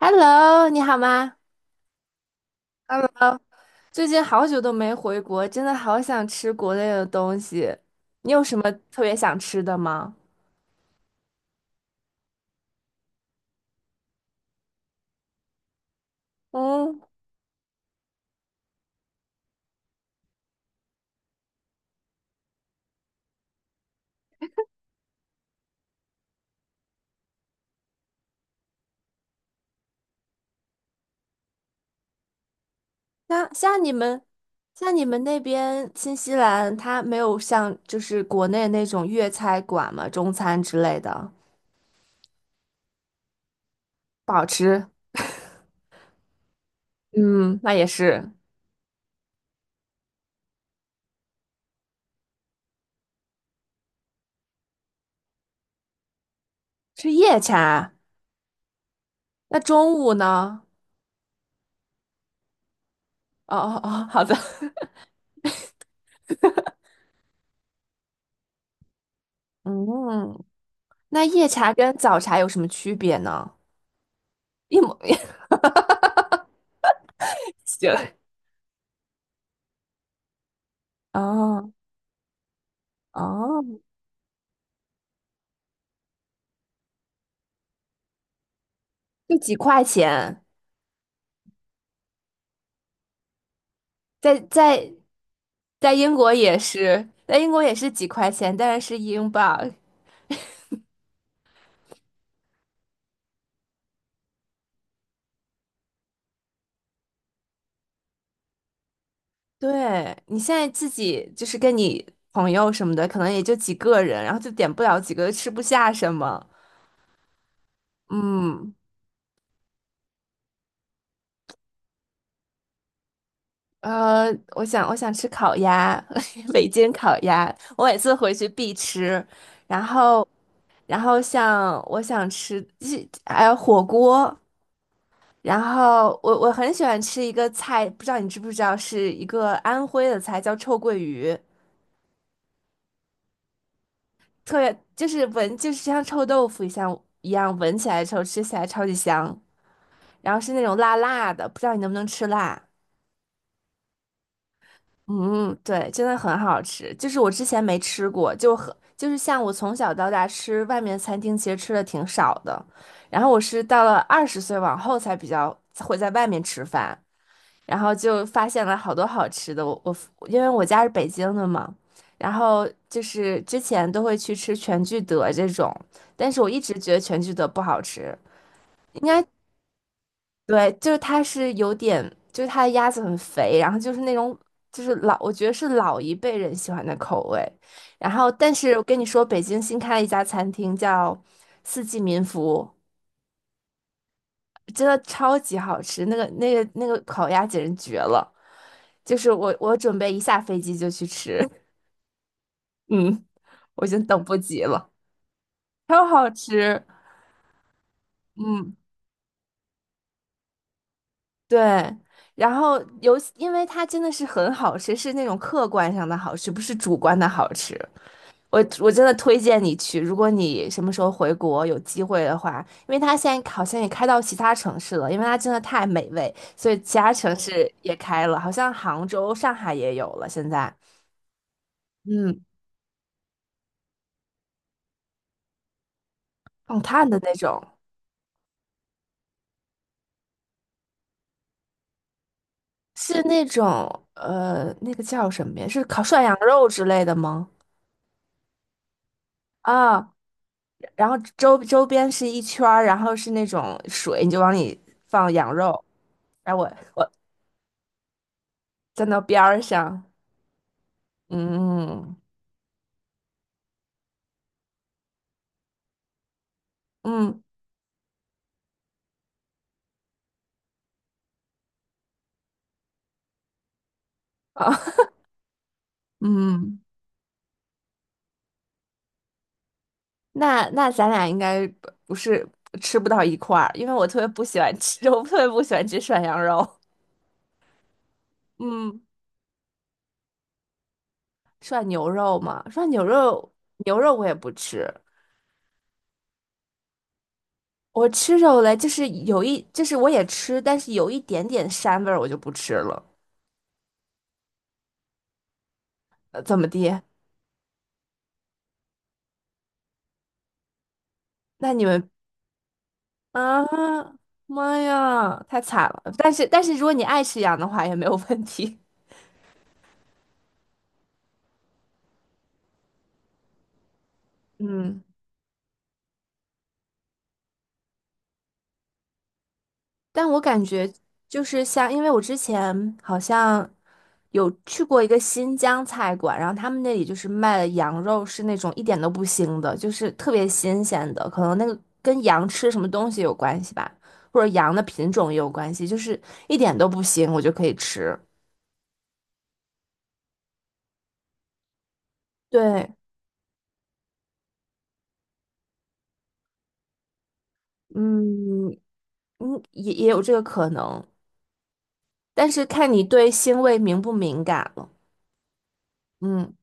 Hello，你好吗？Hello，最近好久都没回国，真的好想吃国内的东西。你有什么特别想吃的吗？嗯，像像你们，像你们那边新西兰，它没有像就是国内那种粤菜馆嘛，中餐之类的，不好吃。嗯，那也是吃夜茶。那中午呢？哦哦哦，好的。嗯，那夜茶跟早茶有什么区别呢？一模 一。行。哦哦，就几块钱，在在在英国也是几块钱，但是是英镑。对，你现在自己就是跟你朋友什么的，可能也就几个人，然后就点不了几个，吃不下什么。嗯，呃，我想吃烤鸭，北京烤鸭，我每次回去必吃。然后，然后像我想吃，还有火锅，然后我很喜欢吃一个菜，不知道你知不知道，是一个安徽的菜，叫臭鳜鱼，特别就是闻就是像臭豆腐一样，闻起来臭，吃起来超级香，然后是那种辣辣的，不知道你能不能吃辣？嗯，对，真的很好吃，就是我之前没吃过，就很就是像我从小到大吃外面餐厅，其实吃的挺少的，然后我是到了20岁往后才比较会在外面吃饭。然后就发现了好多好吃的。因为我家是北京的嘛，然后就是之前都会去吃全聚德这种，但是我一直觉得全聚德不好吃，应该对，就是它是有点，就是它的鸭子很肥，然后就是那种老，我觉得是老一辈人喜欢的口味。然后，但是我跟你说，北京新开了一家餐厅叫四季民福，真的超级好吃，那个烤鸭简直绝了。就是我准备一下飞机就去吃，嗯，我已经等不及了，超好吃，嗯，对。然后尤其因为它真的是很好吃，是那种客观上的好吃，不是主观的好吃。我真的推荐你去，如果你什么时候回国有机会的话，因为它现在好像也开到其他城市了，因为它真的太美味，所以其他城市也开了，好像杭州、上海也有了现在，嗯，放炭的那种。是那种那个叫什么呀？是烤涮羊肉之类的吗？啊，然后周边是一圈儿，然后是那种水，你就往里放羊肉。然后我站到边儿上，嗯嗯啊 嗯，那咱俩应该不是吃不到一块儿，因为我特别不喜欢吃，我特别不喜欢吃涮羊肉。嗯，涮牛肉嘛，涮牛肉牛肉我也不吃，我吃肉嘞，就是有一，就是我也吃，但是有一点点膻味儿，我就不吃了。怎么的？那你们啊，妈呀，太惨了！但是，如果你爱吃羊的话，也没有问题。嗯。但我感觉就是像，因为我之前好像有去过一个新疆菜馆，然后他们那里就是卖的羊肉是那种一点都不腥的，就是特别新鲜的，可能那个跟羊吃什么东西有关系吧，或者羊的品种也有关系，就是一点都不腥，我就可以吃。对，嗯嗯，也有这个可能，但是看你对腥味敏不敏感了。嗯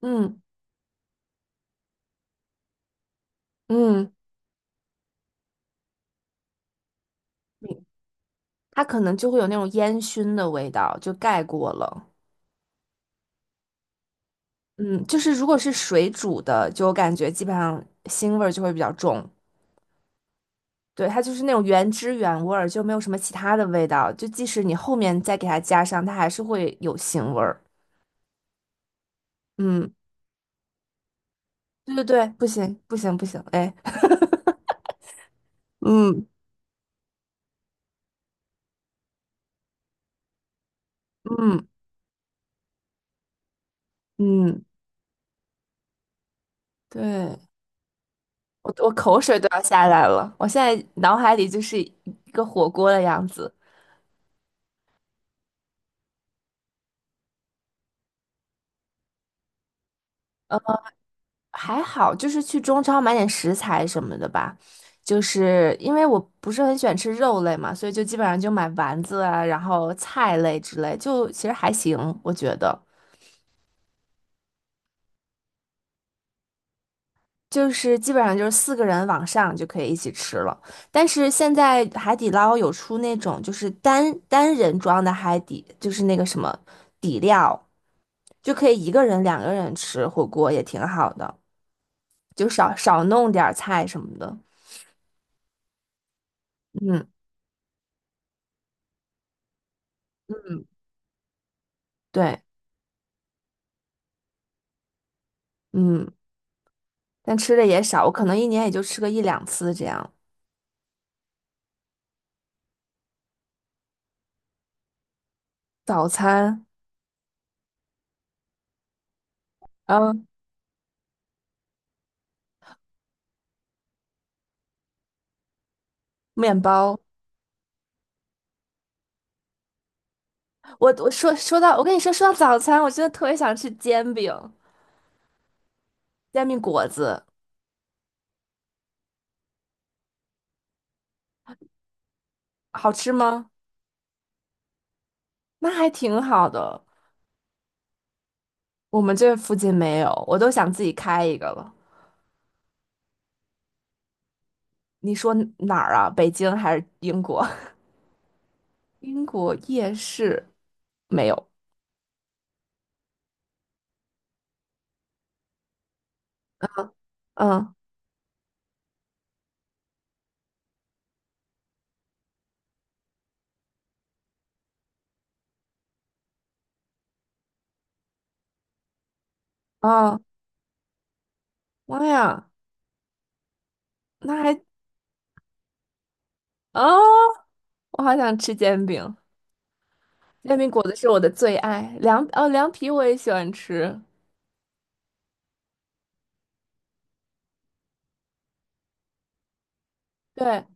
嗯嗯，明它可能就会有那种烟熏的味道，就盖过了。嗯，就是如果是水煮的，就我感觉基本上腥味儿就会比较重。对，它就是那种原汁原味儿，就没有什么其他的味道。就即使你后面再给它加上，它还是会有腥味儿。嗯，对对对，不行不行不行，哎，嗯嗯嗯，对，我口水都要下来了，我现在脑海里就是一个火锅的样子。嗯，还好，就是去中超买点食材什么的吧。就是因为我不是很喜欢吃肉类嘛，所以就基本上就买丸子啊，然后菜类之类，就其实还行，我觉得。就是基本上就是4个人往上就可以一起吃了。但是现在海底捞有出那种就是单人装的海底，就是那个什么底料，就可以一个人、2个人吃火锅也挺好的，就少少弄点儿菜什么的。嗯嗯，对，嗯。但吃的也少，我可能一年也就吃个一两次这样。早餐，嗯，面包。我跟你说到早餐，我真的特别想吃煎饼、煎饼果子，好吃吗？那还挺好的，我们这附近没有，我都想自己开一个了。你说哪儿啊？北京还是英国？英国夜市没有。嗯，哦，妈呀，那还啊，我好想吃煎饼。煎饼果子是我的最爱，凉皮我也喜欢吃。对，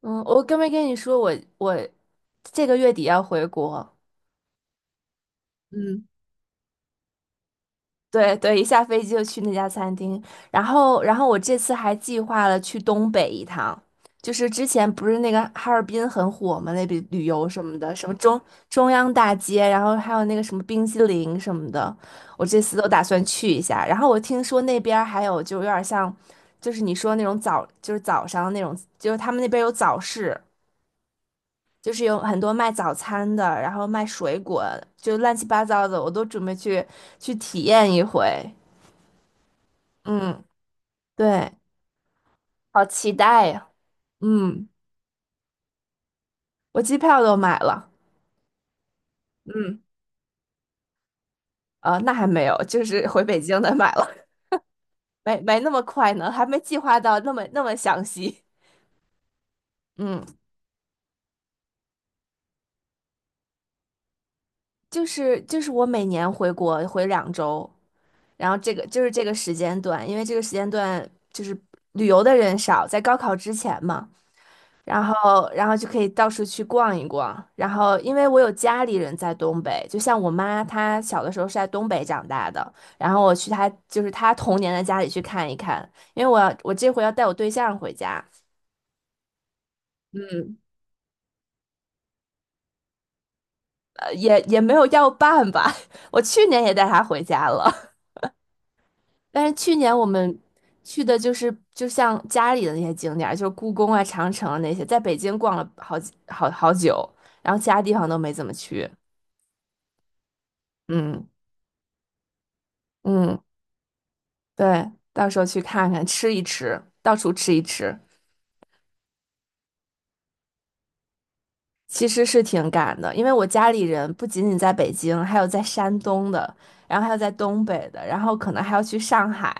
嗯，我跟没跟你说我我这个月底要回国，嗯。对对，一下飞机就去那家餐厅，然后我这次还计划了去东北一趟，就是之前不是那个哈尔滨很火嘛，那边旅游什么的，什么中央大街，然后还有那个什么冰激凌什么的，我这次都打算去一下。然后我听说那边儿还有就有点像，就是你说那种就是早上那种，就是他们那边有早市，就是有很多卖早餐的，然后卖水果，就乱七八糟的，我都准备去体验一回。嗯，对，好期待呀！嗯，我机票都买了，嗯，那还没有，就是回北京的买了，没那么快呢，还没计划到那么详细。嗯，就是我每年回国回2周，然后这个时间段，因为这个时间段就是旅游的人少，在高考之前嘛。然后，就可以到处去逛一逛。然后，因为我有家里人在东北，就像我妈，她小的时候是在东北长大的。然后我去她，就是她童年的家里去看一看。因为我这回要带我对象回家，嗯，也没有要办吧。我去年也带他回家了，但是去年我们去的就像家里的那些景点儿就是故宫啊、长城啊那些，在北京逛了好几好好久，然后其他地方都没怎么去。嗯嗯。对，到时候去看看，吃一吃，到处吃一吃，其实是挺赶的，因为我家里人不仅仅在北京，还有在山东的，然后还有在东北的，然后可能还要去上海，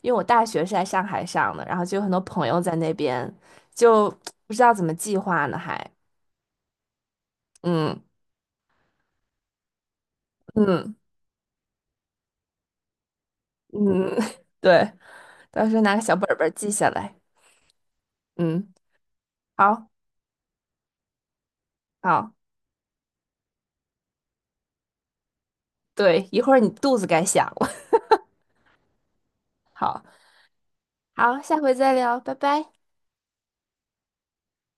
因为我大学是在上海上的，然后就有很多朋友在那边，就不知道怎么计划呢，还，嗯嗯嗯，对，到时候拿个小本本儿记下来，嗯，好，好，对，一会儿你肚子该响了，好，好，下回再聊，拜拜。